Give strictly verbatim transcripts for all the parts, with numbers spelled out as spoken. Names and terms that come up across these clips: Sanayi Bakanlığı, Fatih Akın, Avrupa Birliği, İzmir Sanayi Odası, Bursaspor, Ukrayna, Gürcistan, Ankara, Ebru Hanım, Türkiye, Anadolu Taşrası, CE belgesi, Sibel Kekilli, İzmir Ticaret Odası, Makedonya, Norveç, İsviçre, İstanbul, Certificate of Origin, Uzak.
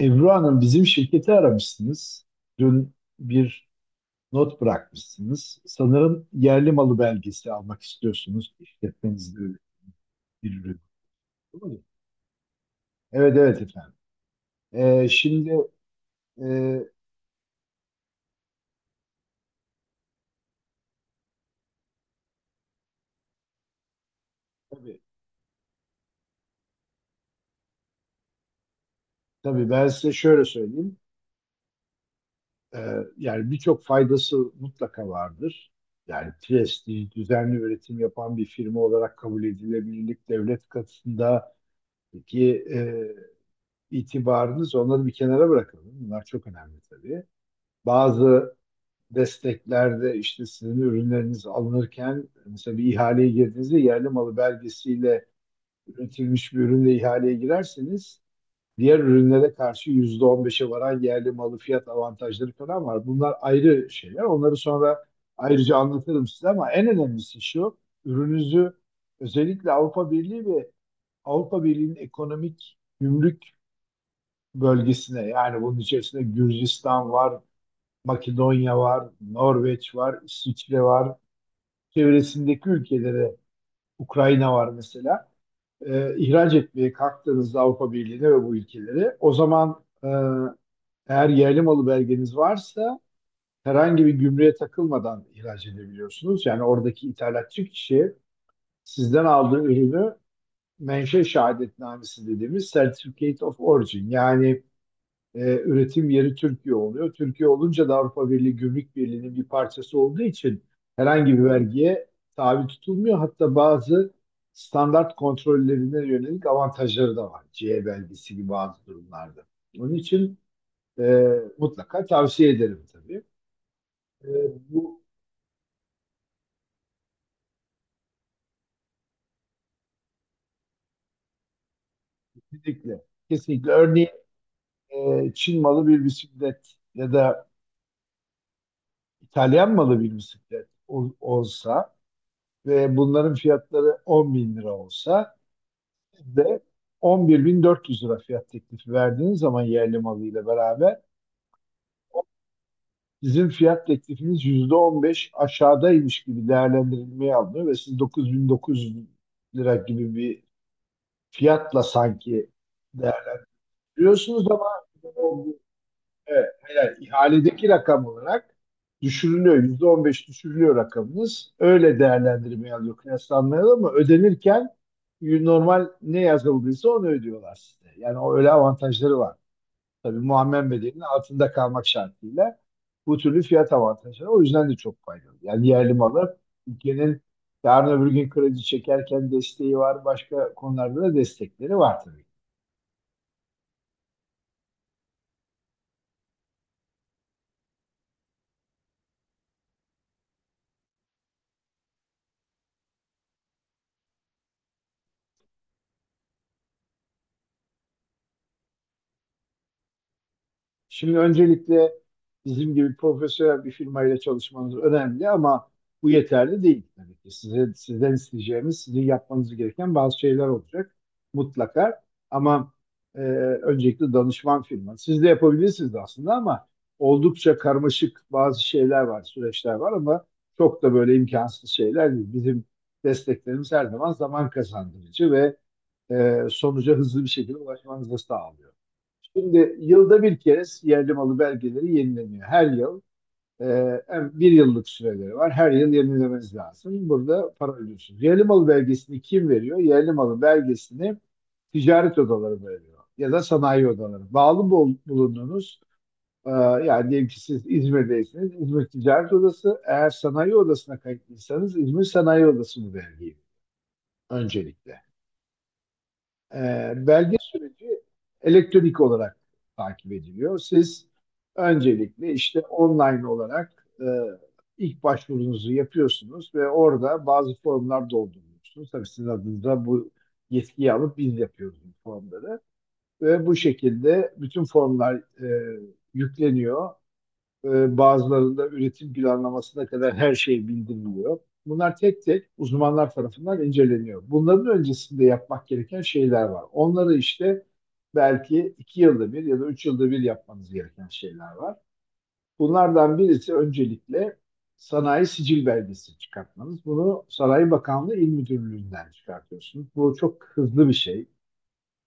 Ebru Hanım bizim şirketi aramışsınız. Dün bir not bırakmışsınız. Sanırım yerli malı belgesi almak istiyorsunuz. İşletmenizde öyle bir ürün. Doğru mu? Evet evet efendim. Ee, şimdi e, tabii, tabii ben size şöyle söyleyeyim. Ee, Yani birçok faydası mutlaka vardır. Yani prestij, düzenli üretim yapan bir firma olarak kabul edilebilirlik devlet katında ki itibarınız, onları bir kenara bırakalım. Bunlar çok önemli tabii. bazı desteklerde işte sizin ürünleriniz alınırken, mesela bir ihaleye girdiğinizde yerli malı belgesiyle üretilmiş bir ürünle ihaleye girerseniz, diğer ürünlere karşı yüzde on beşe varan yerli malı fiyat avantajları falan var. Bunlar ayrı şeyler. Onları sonra ayrıca anlatırım size, ama en önemlisi şu: ürününüzü özellikle Avrupa Birliği ve Avrupa Birliği'nin ekonomik gümrük bölgesine, yani bunun içerisinde Gürcistan var, Makedonya var, Norveç var, İsviçre var. Çevresindeki ülkelere, Ukrayna var mesela. E, ihraç etmeye kalktığınızda Avrupa Birliği'ne ve bu ülkelere, o zaman e, eğer yerli malı belgeniz varsa herhangi bir gümrüğe takılmadan ihraç edebiliyorsunuz. Yani oradaki ithalatçı kişi sizden aldığı ürünü menşe şehadetnamesi dediğimiz Certificate of Origin, yani e, üretim yeri Türkiye oluyor. Türkiye olunca da Avrupa Birliği Gümrük Birliği'nin bir parçası olduğu için herhangi bir vergiye tabi tutulmuyor. Hatta bazı standart kontrollerine yönelik avantajları da var. C E belgesi gibi bazı durumlarda. Onun için e, mutlaka tavsiye ederim tabii. E, bu Kesinlikle. Kesinlikle. Örneğin e, Çin malı bir bisiklet ya da İtalyan malı bir bisiklet ol- olsa ve bunların fiyatları on bin lira olsa, siz de on bir bin dört yüz lira fiyat teklifi verdiğiniz zaman, yerli malıyla beraber sizin fiyat teklifiniz yüzde on beş aşağıdaymış gibi değerlendirilmeye alınıyor ve siz dokuz bin dokuz yüz lira gibi bir fiyatla sanki değerlendiriyorsunuz, ama o- evet, hayır, ihaledeki rakam olarak düşürülüyor. Yüzde on beş düşürülüyor rakamınız. Öyle değerlendirmeye alıyor, kıyaslanmaya alıyor, ama ödenirken normal ne yazıldıysa onu ödüyorlar size. Yani o öyle avantajları var. Tabii muammer bedelinin altında kalmak şartıyla bu türlü fiyat avantajları, o yüzden de çok faydalı. Yani yerli malı ülkenin yarın öbür gün kredi çekerken desteği var, başka konularda da destekleri var tabii. Şimdi öncelikle bizim gibi profesyonel bir firmayla çalışmanız önemli, ama bu yeterli değil tabii ki. Size, sizden isteyeceğimiz, sizin yapmanız gereken bazı şeyler olacak mutlaka. Ama e, Öncelikle danışman firma. Siz de yapabilirsiniz aslında, ama oldukça karmaşık bazı şeyler var, süreçler var, ama çok da böyle imkansız şeyler değil. Bizim desteklerimiz her zaman zaman kazandırıcı ve e, sonuca hızlı bir şekilde ulaşmanızı sağlıyor. Şimdi yılda bir kez yerli malı belgeleri yenileniyor. Her yıl e, hem bir yıllık süreleri var. Her yıl yenilemeniz lazım. Burada para ödüyorsunuz. Yerli malı belgesini kim veriyor? Yerli malı belgesini ticaret odaları veriyor, ya da sanayi odaları. Bağlı bul- bulunduğunuz e, yani diyelim ki siz İzmir'deyseniz İzmir Ticaret Odası, eğer sanayi odasına kayıtlıysanız İzmir Sanayi Odası bu belgeyi öncelikle. Ee, belge süreci elektronik olarak takip ediliyor. Siz öncelikle işte online olarak e, ilk başvurunuzu yapıyorsunuz ve orada bazı formlar dolduruyorsunuz. Tabii sizin adınıza bu yetkiyi alıp biz yapıyoruz bu formları. Ve bu şekilde bütün formlar e, yükleniyor, e, bazılarında üretim planlamasına kadar her şey bildiriliyor. Bunlar tek tek uzmanlar tarafından inceleniyor. Bunların öncesinde yapmak gereken şeyler var. Onları işte belki iki yılda bir ya da üç yılda bir yapmanız gereken şeyler var. Bunlardan birisi öncelikle sanayi sicil belgesi çıkartmanız. Bunu Sanayi Bakanlığı İl Müdürlüğü'nden çıkartıyorsunuz. Bu çok hızlı bir şey.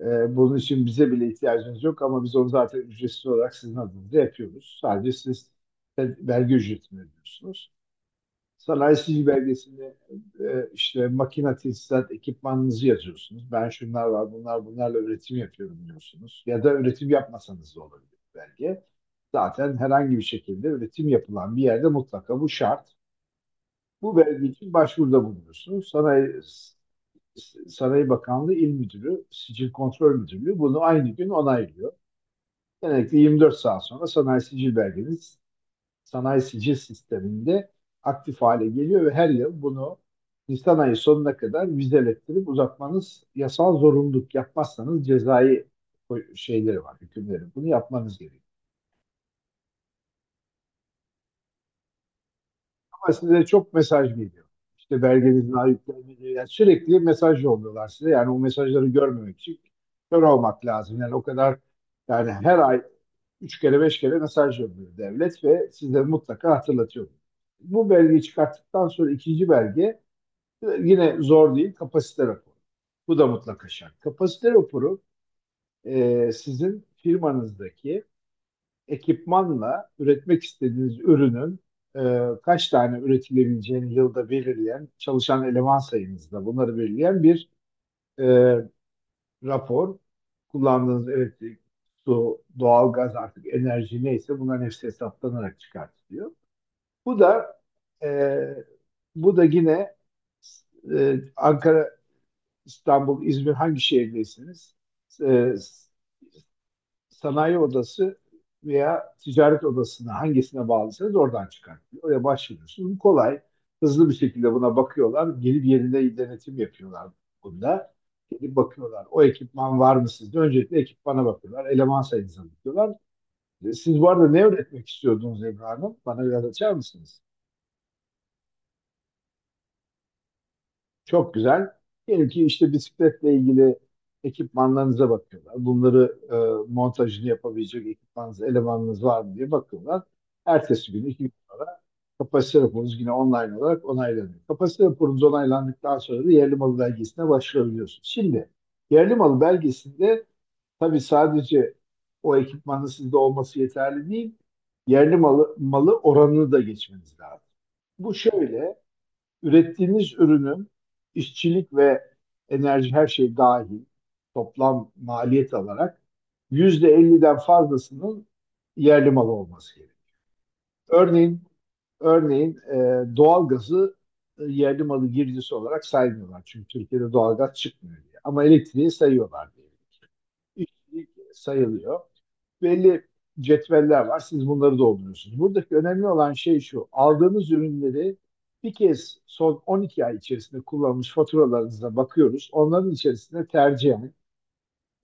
Ee, bunun için bize bile ihtiyacınız yok, ama biz onu zaten ücretsiz olarak sizin adınıza yapıyoruz. Sadece siz de vergi ücretini ödüyorsunuz. Sanayi sicil belgesini e, işte makina tesisat ekipmanınızı yazıyorsunuz. Ben şunlar var, bunlar bunlarla üretim yapıyorum diyorsunuz. Ya da üretim yapmasanız da olabilir belge. Zaten herhangi bir şekilde üretim yapılan bir yerde mutlaka bu şart. Bu belge için başvuruda bulunuyorsunuz. Sanayi Saray Bakanlığı İl Müdürü, Sicil Kontrol Müdürlüğü bunu aynı gün onaylıyor. Genellikle yirmi dört saat sonra sanayi sicil belgeniz sanayi sicil sisteminde aktif hale geliyor ve her yıl bunu Nisan ayı sonuna kadar vizelettirip uzatmanız yasal zorunluluk. Yapmazsanız cezai şeyleri var, hükümleri. Bunu yapmanız gerekiyor. Ama size çok mesaj geliyor. İşte belgenizin ayıplanmadığı, yani sürekli mesaj yolluyorlar size. Yani o mesajları görmemek için kör olmak lazım. Yani o kadar, yani her ay üç kere beş kere mesaj yolluyor devlet ve size mutlaka hatırlatıyor. Bu belgeyi çıkarttıktan sonra ikinci belge, yine zor değil, kapasite raporu. Bu da mutlaka şart. Kapasite raporu e, sizin firmanızdaki ekipmanla üretmek istediğiniz ürünün e, kaç tane üretilebileceğini yılda belirleyen, çalışan eleman sayınızda bunları belirleyen bir e, rapor. Kullandığınız elektrik, su, doğalgaz, artık enerji neyse, bunların hepsi hesaplanarak çıkartılıyor. Bu da e, bu da yine e, Ankara, İstanbul, İzmir, hangi şehirdeyseniz e, sanayi odası veya ticaret odasına, hangisine bağlısınız, oradan çıkartıyor. Oraya başvuruyorsunuz. Kolay, hızlı bir şekilde buna bakıyorlar. Gelip yerinde denetim yapıyorlar bunda. Gelip bakıyorlar. O ekipman var mı sizde? Öncelikle ekipmana bakıyorlar. Eleman sayınıza bakıyorlar. E, Siz bu arada ne öğretmek istiyordunuz Ebru Hanım? Bana biraz açar mısınız? Çok güzel. Diyelim ki işte bisikletle ilgili ekipmanlarınıza bakıyorlar. Bunları e, montajını yapabilecek ekipmanınız, elemanınız var mı diye bakıyorlar. Ertesi gün, iki gün sonra kapasite raporunuz yine online olarak onaylanıyor. Kapasite raporunuz onaylandıktan sonra da yerli malı belgesine başvurabiliyorsunuz. Şimdi yerli malı belgesinde tabii sadece o ekipmanın sizde olması yeterli değil. Yerli malı, malı oranını da geçmeniz lazım. Bu şöyle: ürettiğiniz ürünün işçilik ve enerji, her şey dahil toplam maliyet alarak yüzde elliden fazlasının yerli malı olması gerekiyor. Örneğin örneğin e, doğalgazı e, yerli malı girdisi olarak saymıyorlar. Çünkü Türkiye'de doğalgaz çıkmıyor diye. Ama elektriği sayıyorlar diye. İşçilik sayılıyor, belli cetveller var. Siz bunları dolduruyorsunuz. Buradaki önemli olan şey şu: aldığınız ürünleri bir kez son on iki ay içerisinde kullanmış faturalarınıza bakıyoruz. Onların içerisinde tercihen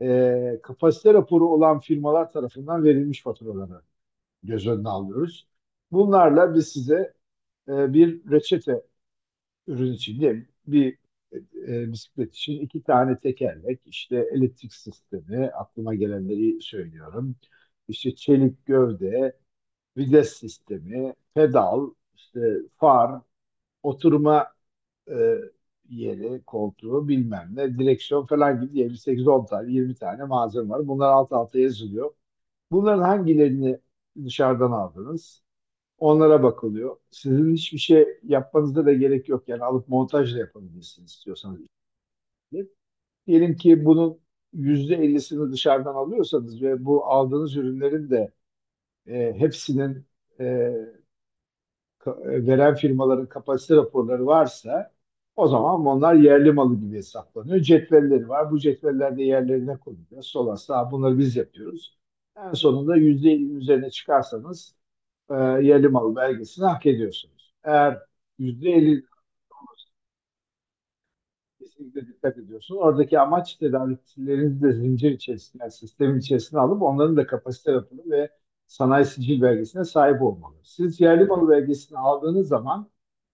e, kapasite raporu olan firmalar tarafından verilmiş faturaları göz önüne alıyoruz. Bunlarla biz size e, bir reçete, ürün için değil. Bir e, e, Bisiklet için iki tane tekerlek, işte elektrik sistemi, aklıma gelenleri söylüyorum. İşte çelik gövde, vites sistemi, pedal, işte far, oturma e, yeri, koltuğu bilmem ne, direksiyon falan gibi diye sekiz on tane, yirmi tane malzeme var. Bunlar alt alta yazılıyor. Bunların hangilerini dışarıdan aldınız? Onlara bakılıyor. Sizin hiçbir şey yapmanıza da gerek yok. Yani alıp montajla yapabilirsiniz istiyorsanız. Diyelim ki bunun yüzde ellisini dışarıdan alıyorsanız ve bu aldığınız ürünlerin de e, hepsinin e, ka- e, veren firmaların kapasite raporları varsa, o zaman onlar yerli malı gibi hesaplanıyor. Cetvelleri var. Bu cetveller de yerlerine konuluyor. Sol asla bunları biz yapıyoruz. En sonunda yüzde ellinin üzerine çıkarsanız e, yerli malı belgesini hak ediyorsunuz. Eğer yüzde elli Kesinlikle dikkat ediyorsun. Oradaki amaç tedarikçilerini de zincir içerisine, yani sistemin içerisine alıp, onların da kapasite raporu ve sanayi sicil belgesine sahip olmalı. Siz yerli malı belgesini aldığınız zaman,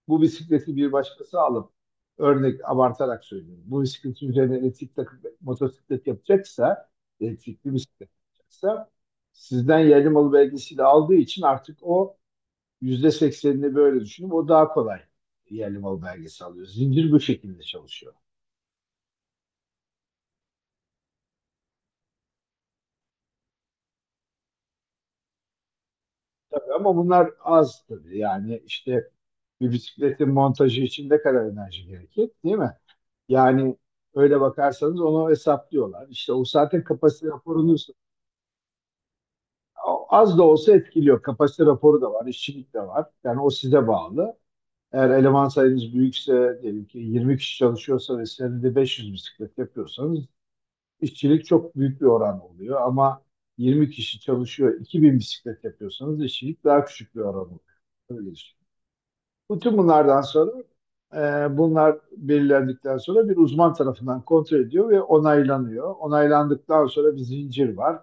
bu bisikleti bir başkası alıp, örnek abartarak söylüyorum, bu bisikletin üzerine elektrik takıp motosiklet yapacaksa, elektrikli bisiklet yapacaksa, sizden yerli malı belgesiyle aldığı için artık o yüzde seksenini böyle düşünüp, o daha kolay yerli malı belgesi alıyor. Zincir bu şekilde çalışıyor. Ama bunlar az tabii. Yani işte bir bisikletin montajı için ne kadar enerji gerekir, değil mi? Yani öyle bakarsanız onu hesaplıyorlar. İşte o zaten kapasite raporunu az da olsa etkiliyor. Kapasite raporu da var, işçilik de var. Yani o size bağlı. Eğer eleman sayınız büyükse, diyelim ki yirmi kişi çalışıyorsa ve senede beş yüz bisiklet yapıyorsanız, işçilik çok büyük bir oran oluyor. Ama yirmi kişi çalışıyor, iki bin bisiklet yapıyorsanız, işçilik daha küçük bir oran oluyor. Öyle. Bütün bunlardan sonra, e, bunlar belirlendikten sonra bir uzman tarafından kontrol ediyor ve onaylanıyor. Onaylandıktan sonra bir zincir var.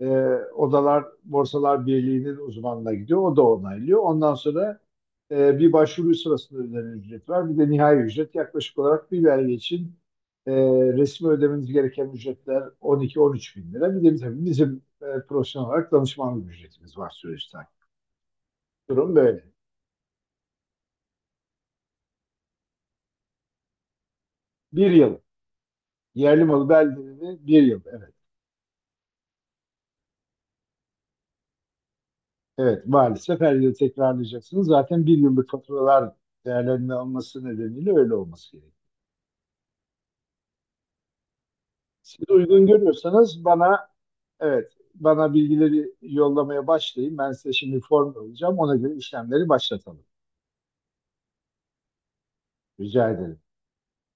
E, Odalar Borsalar Birliği'nin uzmanına gidiyor. O da onaylıyor. Ondan sonra e, bir başvuru sırasında ödenen ücret var. Bir de nihai ücret, yaklaşık olarak bir belge için e, resmi ödemeniz gereken ücretler on iki on üç bin lira. Bir de tabii bizim e, profesyonel olarak danışmanlık ücretimiz var süreçten. Durum böyle. Bir yıl. Yerli malı belgeleri bir yıl. Evet. Evet. Maalesef her yıl tekrarlayacaksınız. Zaten bir yıllık faturalar değerlendirme alması nedeniyle öyle olması gerekiyor. Siz uygun görüyorsanız bana, evet, bana bilgileri yollamaya başlayın. Ben size şimdi form alacağım. Ona göre işlemleri başlatalım. Rica ederim.